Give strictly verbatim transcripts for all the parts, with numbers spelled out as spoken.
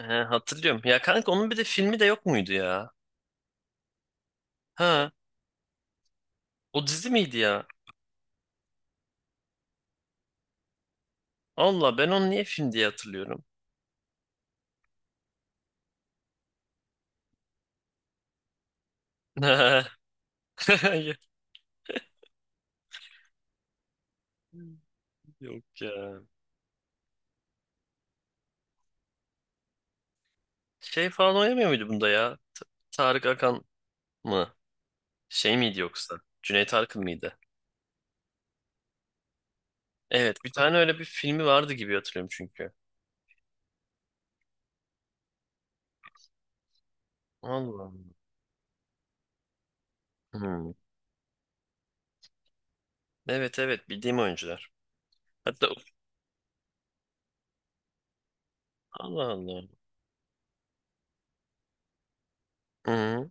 He, hatırlıyorum. Ya kanka onun bir de filmi de yok muydu ya? Ha, o dizi miydi ya? Allah ben onu niye film diye hatırlıyorum. Yok ya. Şey falan oynamıyor muydu bunda ya? T- Tarık Akan mı? Şey miydi yoksa? Cüneyt Arkın mıydı? Evet, bir tane öyle bir filmi vardı gibi hatırlıyorum çünkü. Allah Allah. Hmm. Evet evet bildiğim oyuncular. Hatta Allah Allah. Hı.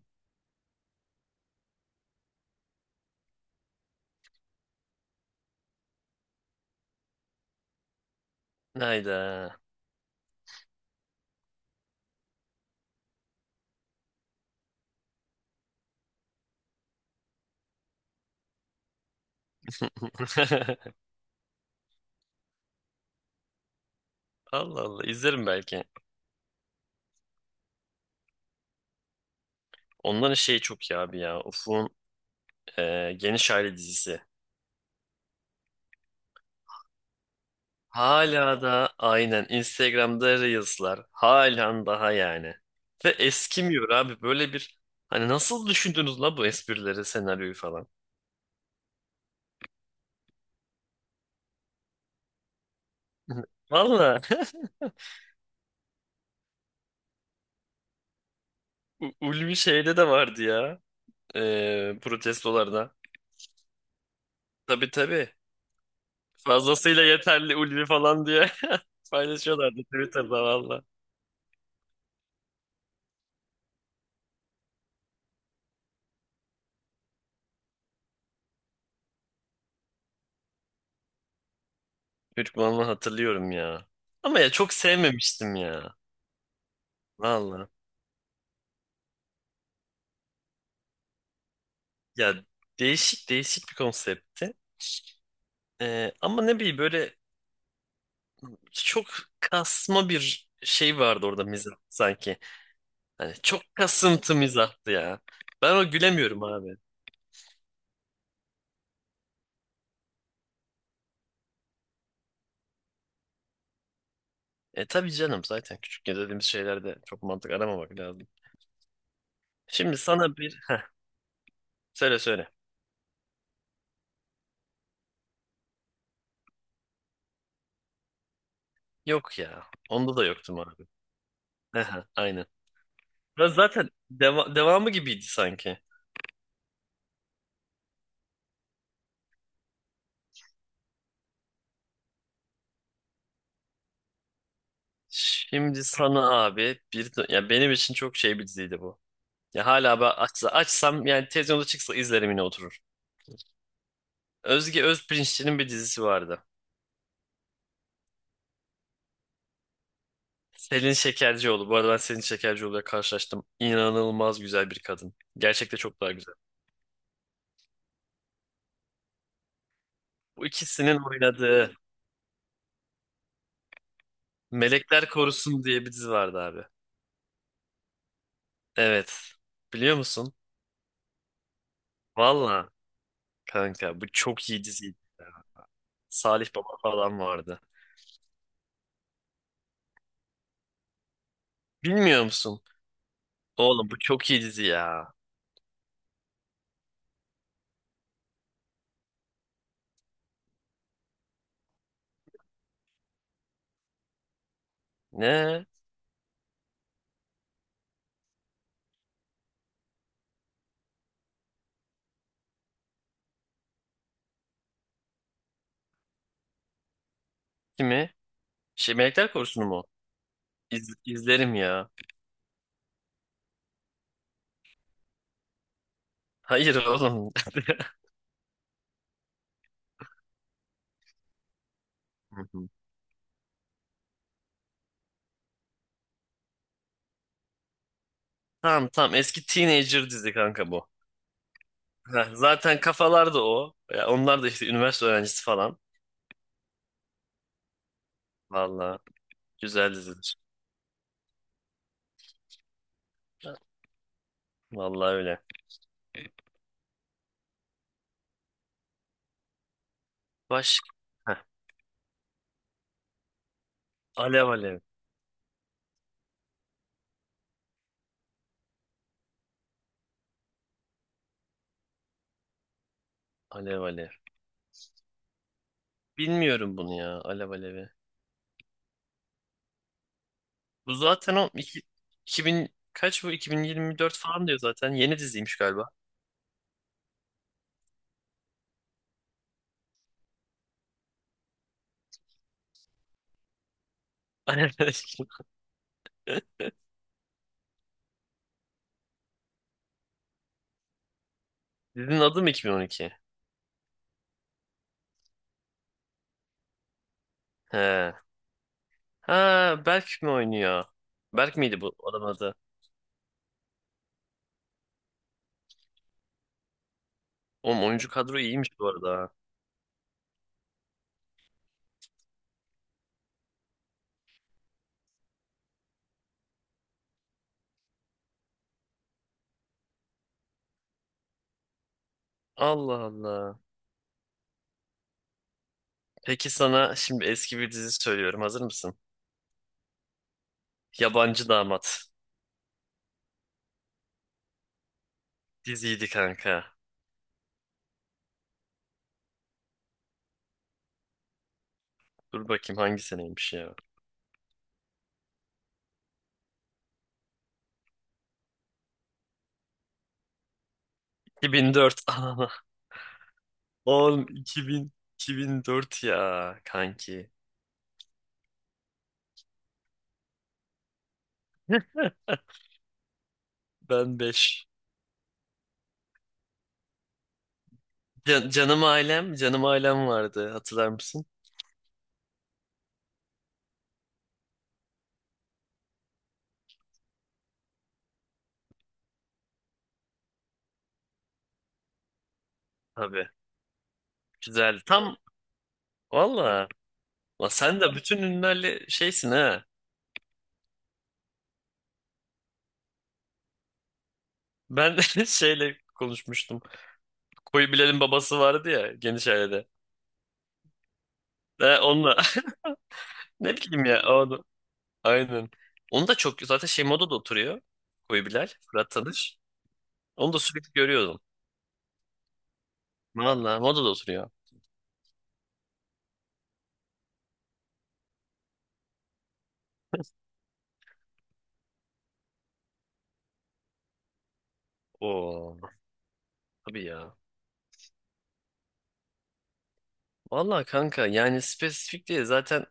Hayda. Allah Allah izlerim belki. Onların şeyi çok iyi abi ya. Ufuk'un e, Geniş Aile dizisi. Hala da aynen Instagram'da Reels'lar. Halen daha yani. Ve eskimiyor abi. Böyle bir hani nasıl düşündünüz la bu esprileri, senaryoyu falan. Valla. U- Ulvi şeyde de vardı ya. E, protestolarda. Tabii tabii. Fazlasıyla yeterli Ulvi falan diye paylaşıyorlardı Twitter'da valla. Çocukluğumdan hatırlıyorum ya. Ama ya çok sevmemiştim ya. Valla. Ya değişik değişik bir konseptti. Ee, ama ne bileyim böyle çok kasma bir şey vardı orada mizah sanki. Hani çok kasıntı mizahtı ya. Ben o gülemiyorum abi. E tabii canım zaten küçükken dediğimiz şeylerde çok mantık aramamak lazım. Şimdi sana bir heh, söyle söyle. Yok ya. Onda da yoktum abi. Heh, aynen. Ya zaten deva- devamı gibiydi sanki. Şimdi sana abi bir ya benim için çok şey bir diziydi bu. Ya hala ben açsa, açsam yani televizyonda çıksa izlerim yine oturur. Özge Özpirinççi'nin bir dizisi vardı. Selin Şekercioğlu. Bu arada ben Selin Şekercioğlu'yla karşılaştım. İnanılmaz güzel bir kadın. Gerçekte çok daha güzel. Bu ikisinin oynadığı Melekler Korusun diye bir dizi vardı abi. Evet. Biliyor musun? Valla kanka bu çok iyi diziydi. Salih Baba falan vardı. Bilmiyor musun? Oğlum bu çok iyi dizi ya. Ne? Kimi? Şey Melekler Korusu'nu mu? İz, izlerim ya. Hayır oğlum. Hı hı. Tamam tamam eski teenager dizi kanka bu. Heh, zaten kafalar da o. Ya onlar da işte üniversite öğrencisi falan. Vallahi güzel dizidir. Vallahi öyle. Baş... Heh, Alev Alev. Alev Alev. Bilmiyorum bunu ya Alev Alev'i. Bu zaten o iki, 2000 kaç bu iki bin yirmi dört falan diyor zaten. Yeni diziymiş galiba. Alev Alev. Dizinin adı mı iki bin on iki? He. Ha Berk mi oynuyor? Berk miydi bu adamın adı? Oğlum oyuncu kadro iyiymiş bu arada. Allah Allah. Peki sana şimdi eski bir dizi söylüyorum. Hazır mısın? Yabancı Damat. Diziydi kanka. Dur bakayım hangi seneymiş ya. iki bin dört. Anana. Oğlum iki bin, iki bin dört ya kanki. Ben beş Canım ailem, canım ailem vardı. Hatırlar mısın? Tabii. Güzel. Tam valla. Ulan sen de bütün ünlülerle şeysin ha. Ben şeyle konuşmuştum. Koyu Bilal'in babası vardı ya geniş ailede. Ne onunla. Ne bileyim ya onu. Aynen. Onu da çok zaten şey modada oturuyor. Koyu Bilal, Fırat Tanış. Onu da sürekli görüyordum. Valla modada oturuyor. Oo tabii ya. Valla kanka yani spesifik değil zaten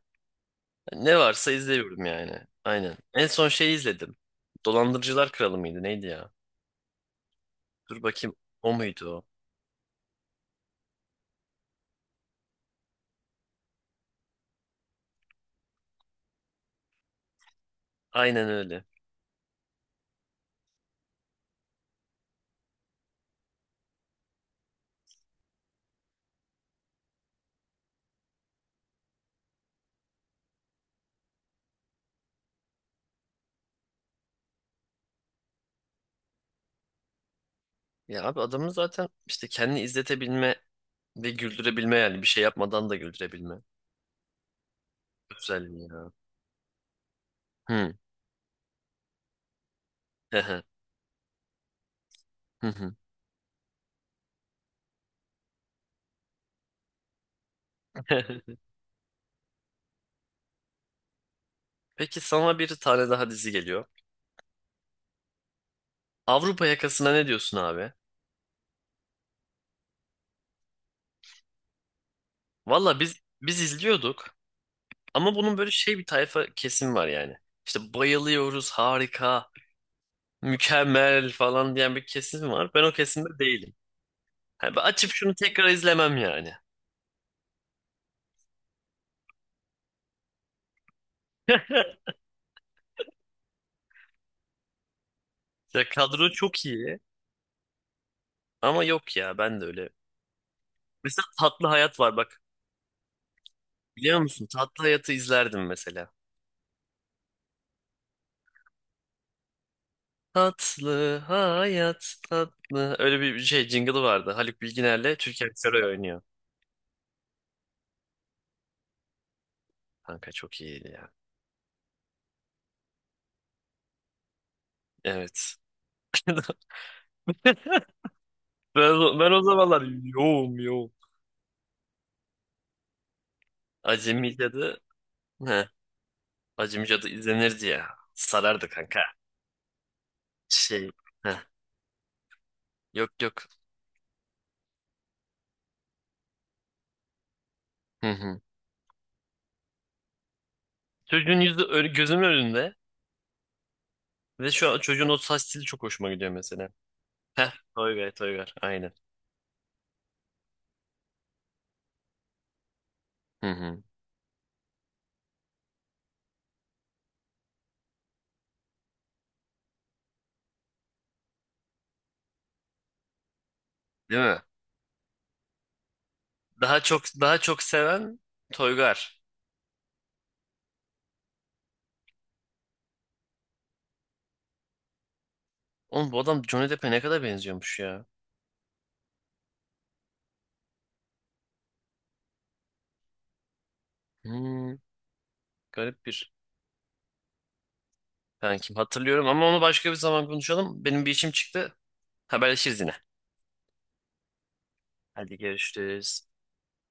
ne varsa izliyorum yani. Aynen. En son şeyi izledim. Dolandırıcılar Kralı mıydı neydi ya? Dur bakayım o muydu o? Aynen öyle. Ya abi adamın zaten işte kendini izletebilme ve güldürebilme yani bir şey yapmadan da güldürebilme özelliği ya. Hı. Hı hı. Peki sana bir tane daha dizi geliyor. Avrupa Yakası'na ne diyorsun abi? Valla biz biz izliyorduk ama bunun böyle şey bir tayfa kesim var yani. İşte bayılıyoruz, harika, mükemmel falan diyen bir kesim var. Ben o kesimde değilim. Yani ben açıp şunu tekrar izlemem yani. Ya kadro çok iyi ama yok ya ben de öyle. Mesela Tatlı Hayat var bak. Biliyor musun? Tatlı Hayat'ı izlerdim mesela. Tatlı hayat tatlı. Öyle bir şey jingle'ı vardı. Haluk Bilginer'le Türkan Şoray oynuyor. Kanka çok iyiydi ya. Evet. Ben, o- ben o zamanlar yoğum yoğum. Acemi Cadı. Heh, Acemi Cadı izlenirdi ya. Sarardı kanka. Şey. Heh, yok yok. Hı hı. Çocuğun yüzü ö- gözümün önünde. Ve şu an çocuğun o saç stili çok hoşuma gidiyor mesela. Heh, Toygar Toygar. Aynen. Hı hı. Değil mi? Daha çok daha çok seven Toygar. Oğlum bu adam Johnny Depp'e ne kadar benziyormuş ya. Hmm, garip bir. Ben kim hatırlıyorum ama onu başka bir zaman konuşalım. Benim bir işim çıktı. Haberleşiriz yine. Hadi görüşürüz.